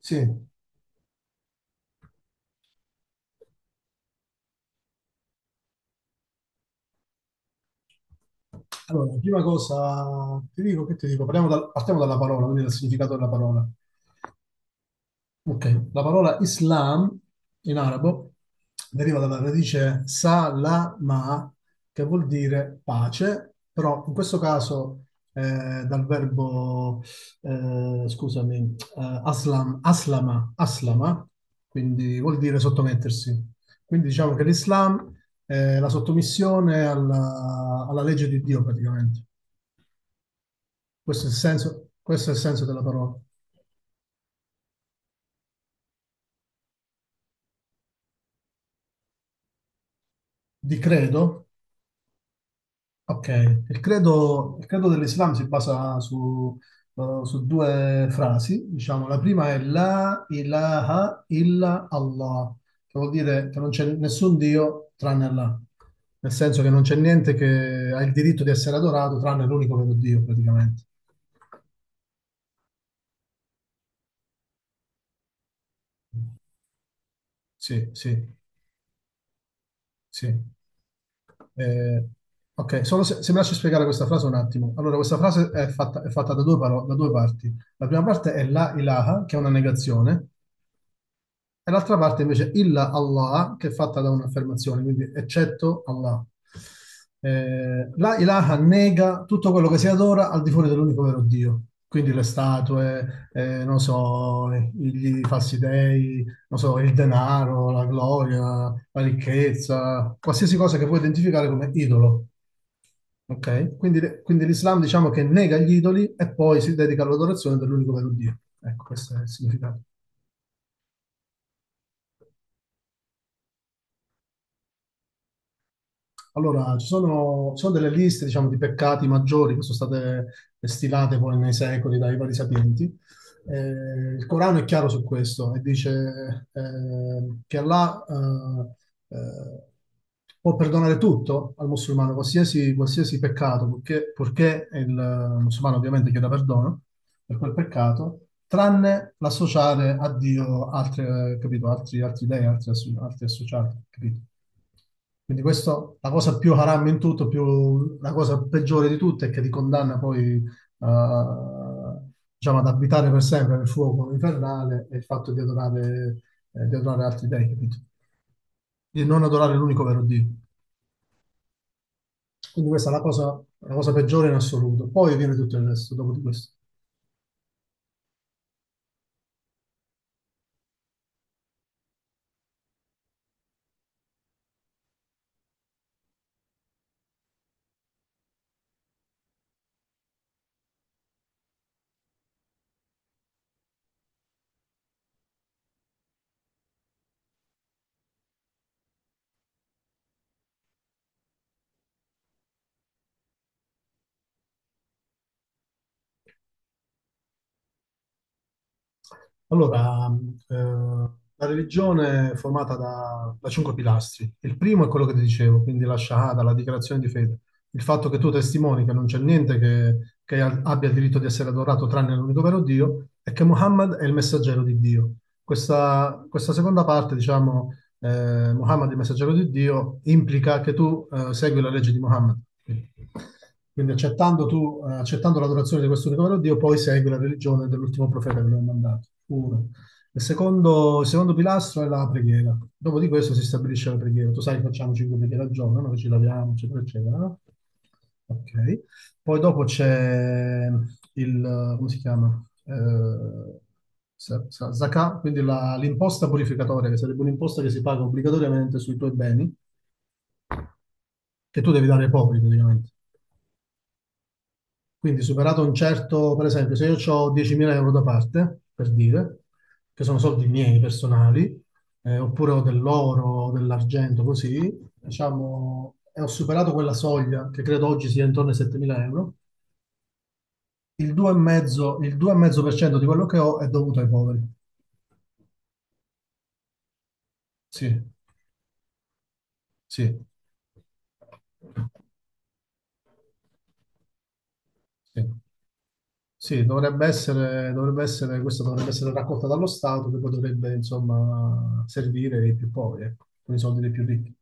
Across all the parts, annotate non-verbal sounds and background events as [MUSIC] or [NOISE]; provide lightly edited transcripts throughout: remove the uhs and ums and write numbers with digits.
Sì, allora, la prima cosa, ti dico, partiamo dalla parola, quindi dal significato della parola. Ok, la parola Islam in arabo deriva dalla radice salama, che vuol dire pace, però in questo caso dal verbo, scusami, aslama, quindi vuol dire sottomettersi. Quindi diciamo che l'Islam è la sottomissione alla legge di Dio praticamente. Questo è il senso, questo è il senso della parola. Di credo? Ok. Il credo dell'Islam si basa su due frasi. Diciamo, la prima è La ilaha illa Allah, che vuol dire che non c'è nessun Dio tranne Allah. Nel senso che non c'è niente che ha il diritto di essere adorato tranne l'unico vero Dio, praticamente. Sì, sì. Sì. Eh, ok, solo se mi lasci spiegare questa frase un attimo. Allora, questa frase è fatta da due parti. La prima parte è la ilaha, che è una negazione, e l'altra parte invece illa Allah, che è fatta da un'affermazione, quindi eccetto Allah. La ilaha nega tutto quello che si adora al di fuori dell'unico vero Dio. Quindi le statue, non so, i falsi dei, non so, il denaro, la gloria, la ricchezza, qualsiasi cosa che puoi identificare come idolo. Ok? Quindi l'Islam diciamo che nega gli idoli e poi si dedica all'adorazione dell'unico vero Dio. Ecco, questo è il significato. Allora, ci sono delle liste, diciamo, di peccati maggiori che sono state stilate poi nei secoli dai vari sapienti. Il Corano è chiaro su questo e dice che Allah eh, eh, può perdonare tutto al musulmano, qualsiasi peccato, purché il musulmano ovviamente chieda perdono per quel peccato, tranne l'associare a Dio capito, altri dei, altri associati, capito? Quindi questo, la cosa più haram in tutto, la cosa peggiore di tutte è che ti condanna poi, diciamo, ad abitare per sempre nel fuoco infernale e il fatto di adorare altri dei, capito? Di non adorare l'unico vero Dio. Quindi questa è la cosa peggiore in assoluto. Poi viene tutto il resto dopo di questo. Allora, la religione è formata da cinque pilastri. Il primo è quello che ti dicevo, quindi la Shahada, la dichiarazione di fede. Il fatto che tu testimoni che non c'è niente che abbia il diritto di essere adorato tranne l'unico vero Dio e che Muhammad è il messaggero di Dio. Questa seconda parte, diciamo, Muhammad è il messaggero di Dio, implica che tu segui la legge di Muhammad. Quindi accettando l'adorazione di questo unico vero Dio, poi segui la religione dell'ultimo profeta che lo ha mandato. Uno. Il secondo pilastro è la preghiera. Dopo di questo si stabilisce la preghiera. Tu sai, che facciamo 5 preghiere al giorno, noi ci laviamo, eccetera, eccetera, no? Ok. Poi dopo c'è il, come si chiama? Zakat, quindi l'imposta purificatoria, che sarebbe un'imposta che si paga obbligatoriamente sui tuoi beni, che tu devi dare ai poveri praticamente. Quindi superato un certo, per esempio, se io ho 10.000 euro da parte, per dire, che sono soldi miei personali, oppure ho dell'oro, o dell'argento, così, diciamo, e ho superato quella soglia, che credo oggi sia intorno ai 7.000 euro. Il 2,5% di quello che ho è dovuto ai poveri. Sì, sì, sì. Sì, questa dovrebbe essere raccolta dallo Stato che poi dovrebbe, insomma, servire ai più poveri, ecco, con i soldi dei più ricchi.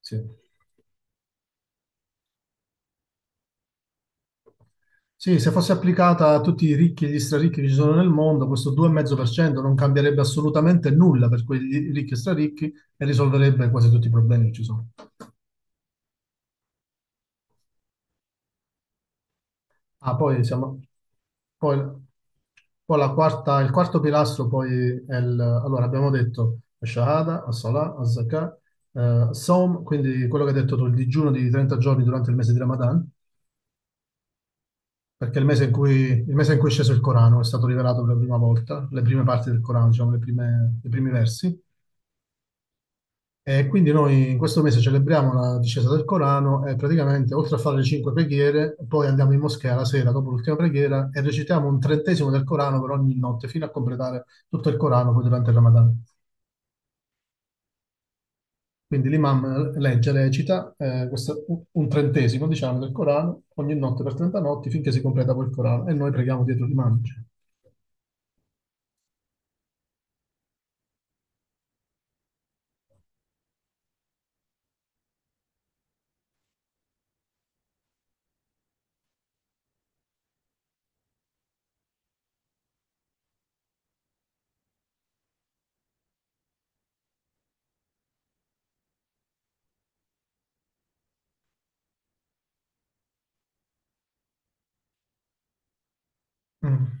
Sì. Sì, se fosse applicata a tutti i ricchi e gli straricchi che ci sono nel mondo, questo 2,5% non cambierebbe assolutamente nulla per quei ricchi e straricchi e risolverebbe quasi tutti i problemi che ci sono. Ah, poi diciamo, poi, poi il quarto pilastro poi allora abbiamo detto Shahada, As-Salah, Az-Zakah, Saum, quindi quello che hai detto tu, il digiuno di 30 giorni durante il mese di Ramadan, perché è il mese in cui è sceso il Corano, è stato rivelato per la prima volta, le prime parti del Corano, diciamo, i primi versi. E quindi noi in questo mese celebriamo la discesa del Corano e praticamente oltre a fare le cinque preghiere, poi andiamo in moschea la sera dopo l'ultima preghiera e recitiamo un trentesimo del Corano per ogni notte fino a completare tutto il Corano poi durante il Ramadan. Quindi l'imam legge, recita un trentesimo diciamo del Corano ogni notte per 30 notti finché si completa poi il Corano e noi preghiamo dietro l'imam, diciamo. Mm.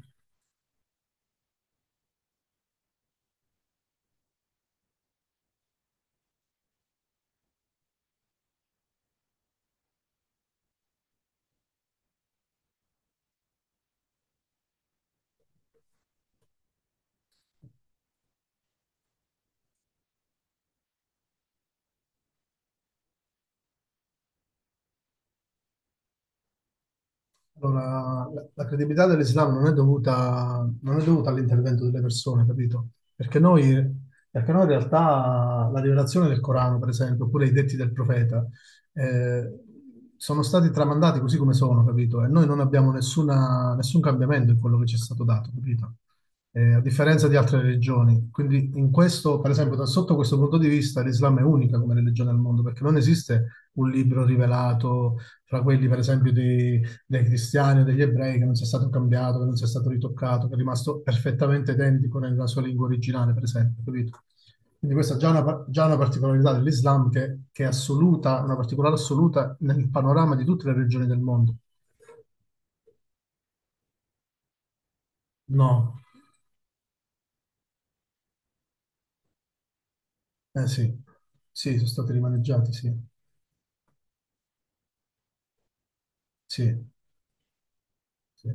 Allora, la credibilità dell'Islam non è dovuta all'intervento delle persone, capito? Perché noi in realtà la rivelazione del Corano, per esempio, oppure i detti del profeta, eh, sono stati tramandati così come sono, capito? E noi non abbiamo nessun cambiamento in quello che ci è stato dato, capito? A differenza di altre religioni. Quindi in questo, per esempio, da sotto questo punto di vista, l'Islam è unica come religione al mondo, perché non esiste un libro rivelato fra quelli, per esempio, di dei cristiani o degli ebrei, che non sia stato cambiato, che non sia stato ritoccato, che è rimasto perfettamente identico nella sua lingua originale, per esempio, capito? Quindi questa è già una particolarità dell'Islam che è assoluta, una particolare assoluta nel panorama di tutte le regioni del mondo. No, eh sì, sì, sono stati rimaneggiati, sì, sì, sì.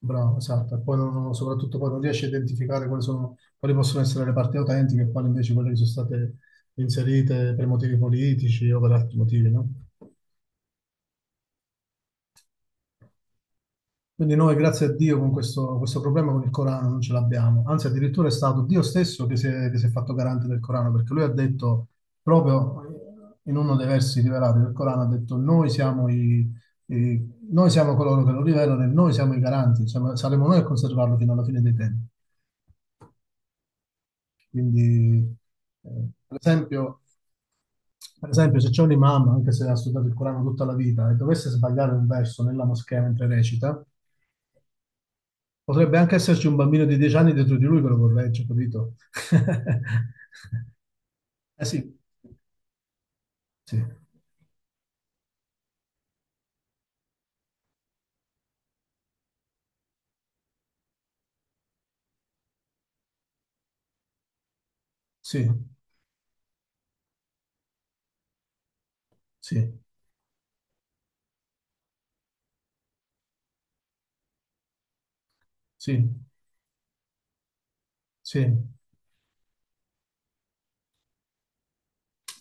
Bravo, esatto. E poi soprattutto poi non riesci a identificare quali sono, quali possono essere le parti autentiche e quali invece quelle che sono state inserite per motivi politici o per altri motivi, no? Quindi noi, grazie a Dio, con questo problema con il Corano non ce l'abbiamo. Anzi, addirittura è stato Dio stesso che si è fatto garante del Corano, perché lui ha detto, proprio in uno dei versi rivelati del Corano, ha detto, noi siamo coloro che lo rivelano e noi siamo i garanti, saremo noi a conservarlo fino alla fine dei tempi. Quindi, eh, per esempio, per esempio, se c'è un imam, anche se ha studiato il Corano tutta la vita, e dovesse sbagliare un verso nella moschea mentre recita. Potrebbe anche esserci un bambino di 10 anni dietro di lui che lo corregge, capito? [LAUGHS] Eh sì, sì, sì, sì, sì, sì.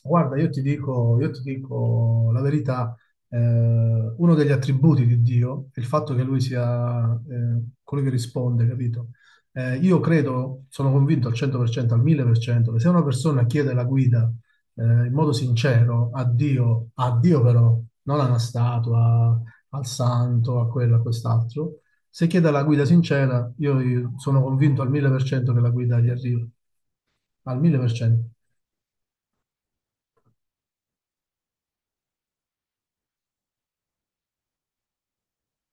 Guarda, io ti dico la verità, uno degli attributi di Dio è il fatto che lui sia quello che risponde, capito? Io credo, sono convinto al 100%, al 1000%, che se una persona chiede la guida in modo sincero a Dio però, non a una statua, al santo, a quello, a quest'altro, se chiede la guida sincera, io sono convinto al 1000% che la guida gli arriva, al 1000%.